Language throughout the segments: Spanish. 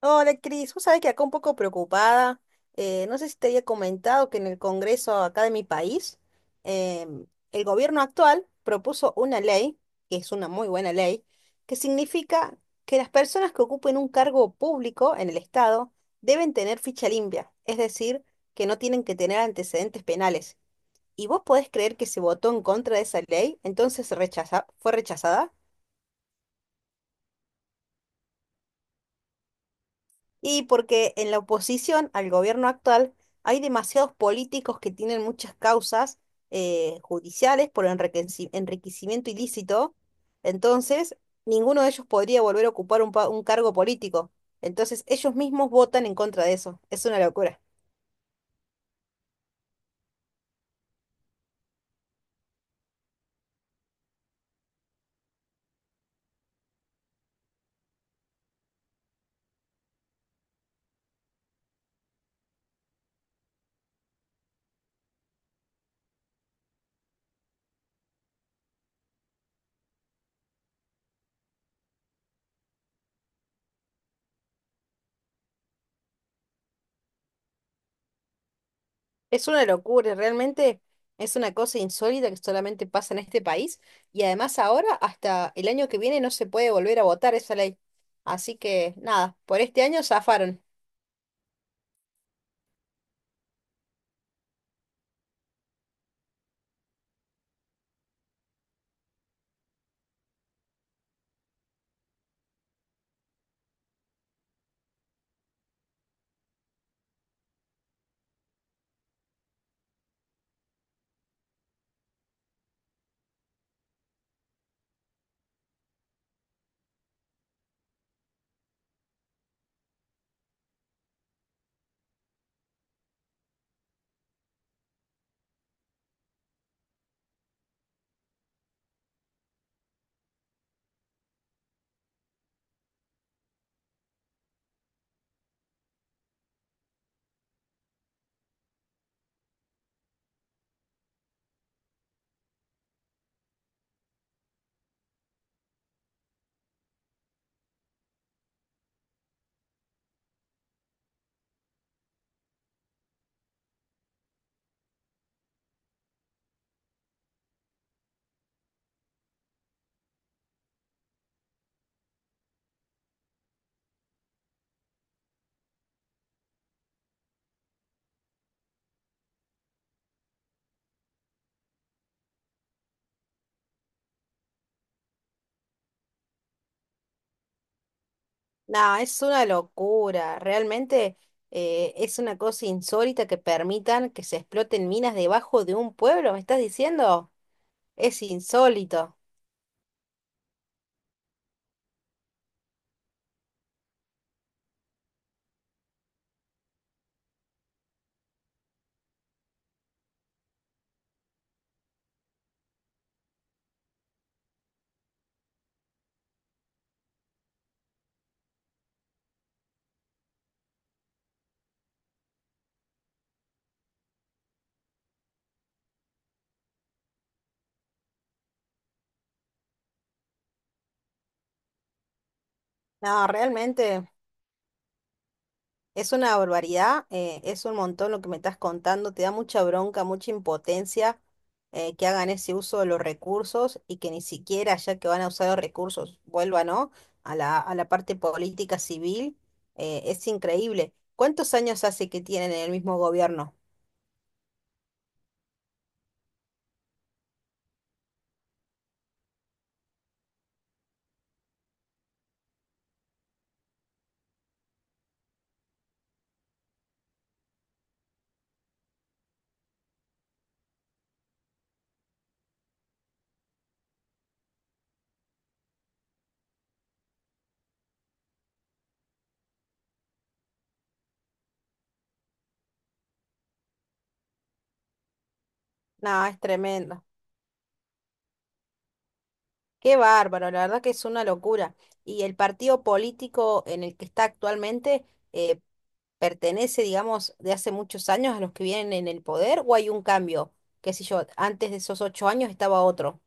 Hola, Cris. Vos sabés que acá un poco preocupada. No sé si te había comentado que en el Congreso acá de mi país, em, el gobierno actual propuso una ley, que es una muy buena ley, que significa que las personas que ocupen un cargo público en el Estado deben tener ficha limpia, es decir, que no tienen que tener antecedentes penales. ¿Y vos podés creer que se votó en contra de esa ley? Entonces fue rechazada. Y porque en la oposición al gobierno actual hay demasiados políticos que tienen muchas causas judiciales por enriquecimiento ilícito, entonces ninguno de ellos podría volver a ocupar un cargo político. Entonces ellos mismos votan en contra de eso. Es una locura. Es una locura, realmente es una cosa insólita que solamente pasa en este país y además ahora hasta el año que viene no se puede volver a votar esa ley. Así que nada, por este año zafaron. No, es una locura. Realmente es una cosa insólita que permitan que se exploten minas debajo de un pueblo, ¿me estás diciendo? Es insólito. No, realmente es una barbaridad. Es un montón lo que me estás contando. Te da mucha bronca, mucha impotencia, que hagan ese uso de los recursos y que ni siquiera, ya que van a usar los recursos, vuelvan, ¿no? A la parte política civil. Es increíble. ¿Cuántos años hace que tienen en el mismo gobierno? No, es tremendo. Qué bárbaro, la verdad que es una locura. Y el partido político en el que está actualmente eh, pertenece, digamos, de hace muchos años a los que vienen en el poder o hay un cambio, qué sé yo, antes de esos 8 años estaba otro.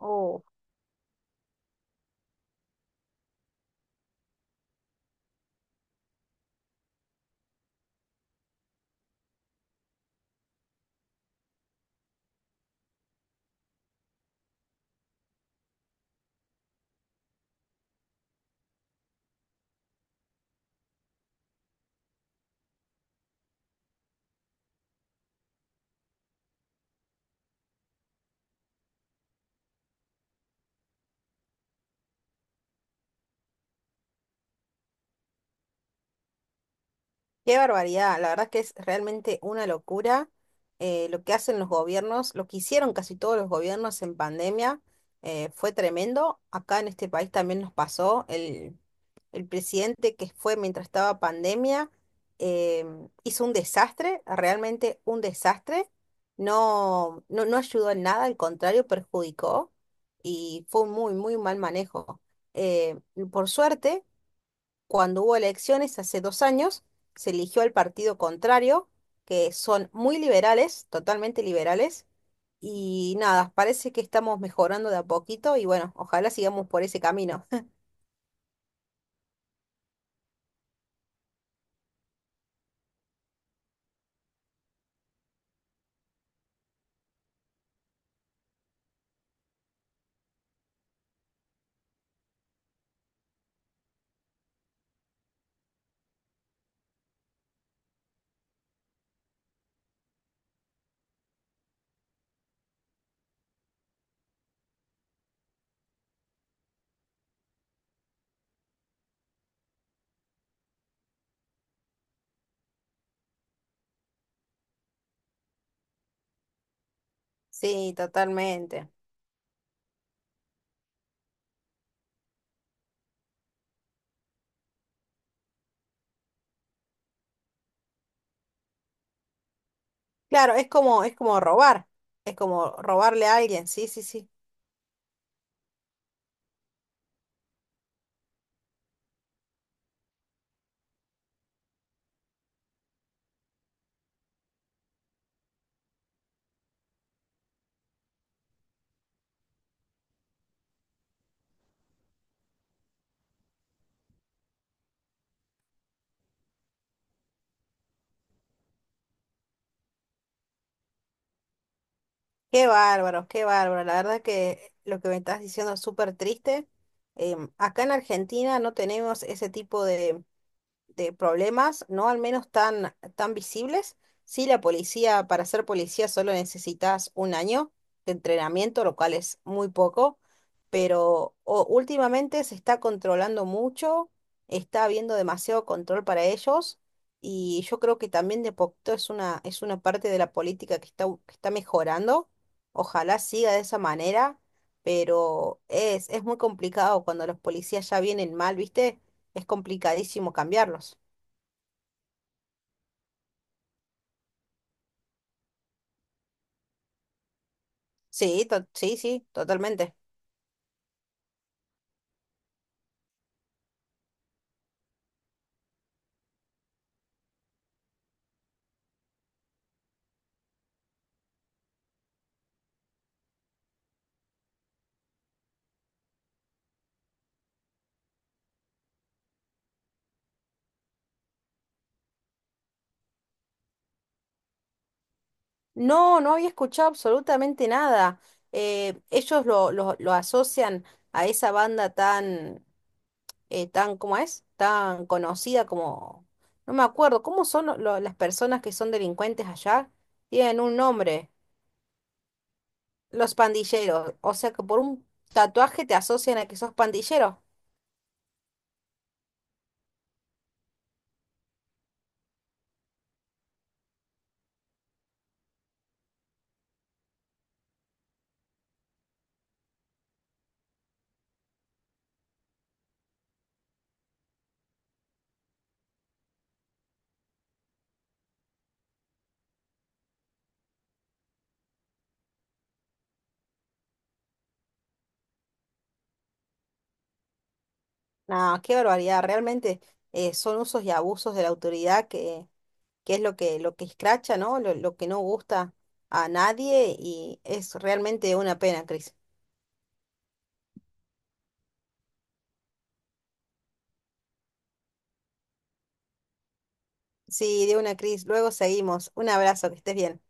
Oh, qué barbaridad, la verdad que es realmente una locura, lo que hacen los gobiernos, lo que hicieron casi todos los gobiernos en pandemia fue tremendo. Acá en este país también nos pasó El presidente que fue mientras estaba pandemia hizo un desastre, realmente un desastre. No, no, no ayudó en nada, al contrario, perjudicó y fue un muy mal manejo. Eh, por suerte, cuando hubo elecciones hace 2 años, se eligió al partido contrario, que son muy liberales, totalmente liberales. Y nada, parece que estamos mejorando de a poquito y bueno, ojalá sigamos por ese camino. Sí, totalmente. Claro, es como robar, es como robarle a alguien, sí, sí, sí. Qué bárbaro, qué bárbaro. La verdad que lo que me estás diciendo es súper triste. Acá en Argentina no tenemos ese tipo de problemas, no al menos tan visibles. Sí, la policía, para ser policía solo necesitas un año de entrenamiento, lo cual es muy poco, pero últimamente se está controlando mucho, está habiendo demasiado control para ellos y yo creo que también de poquito es es una parte de la política que está mejorando. Ojalá siga de esa manera, pero es muy complicado cuando los policías ya vienen mal, ¿viste? Es complicadísimo cambiarlos. Sí, sí, totalmente. No, no había escuchado absolutamente nada. Ellos lo asocian a esa banda tan, ¿cómo es? Tan conocida como, no me acuerdo, ¿cómo son las personas que son delincuentes allá? Tienen un nombre, los pandilleros. O sea que por un tatuaje te asocian a que sos pandillero. No, qué barbaridad, realmente son usos y abusos de la autoridad, qué es lo que escracha, ¿no? Lo que no gusta a nadie y es realmente una pena, Cris. Sí, de una, Cris. Luego seguimos. Un abrazo, que estés bien.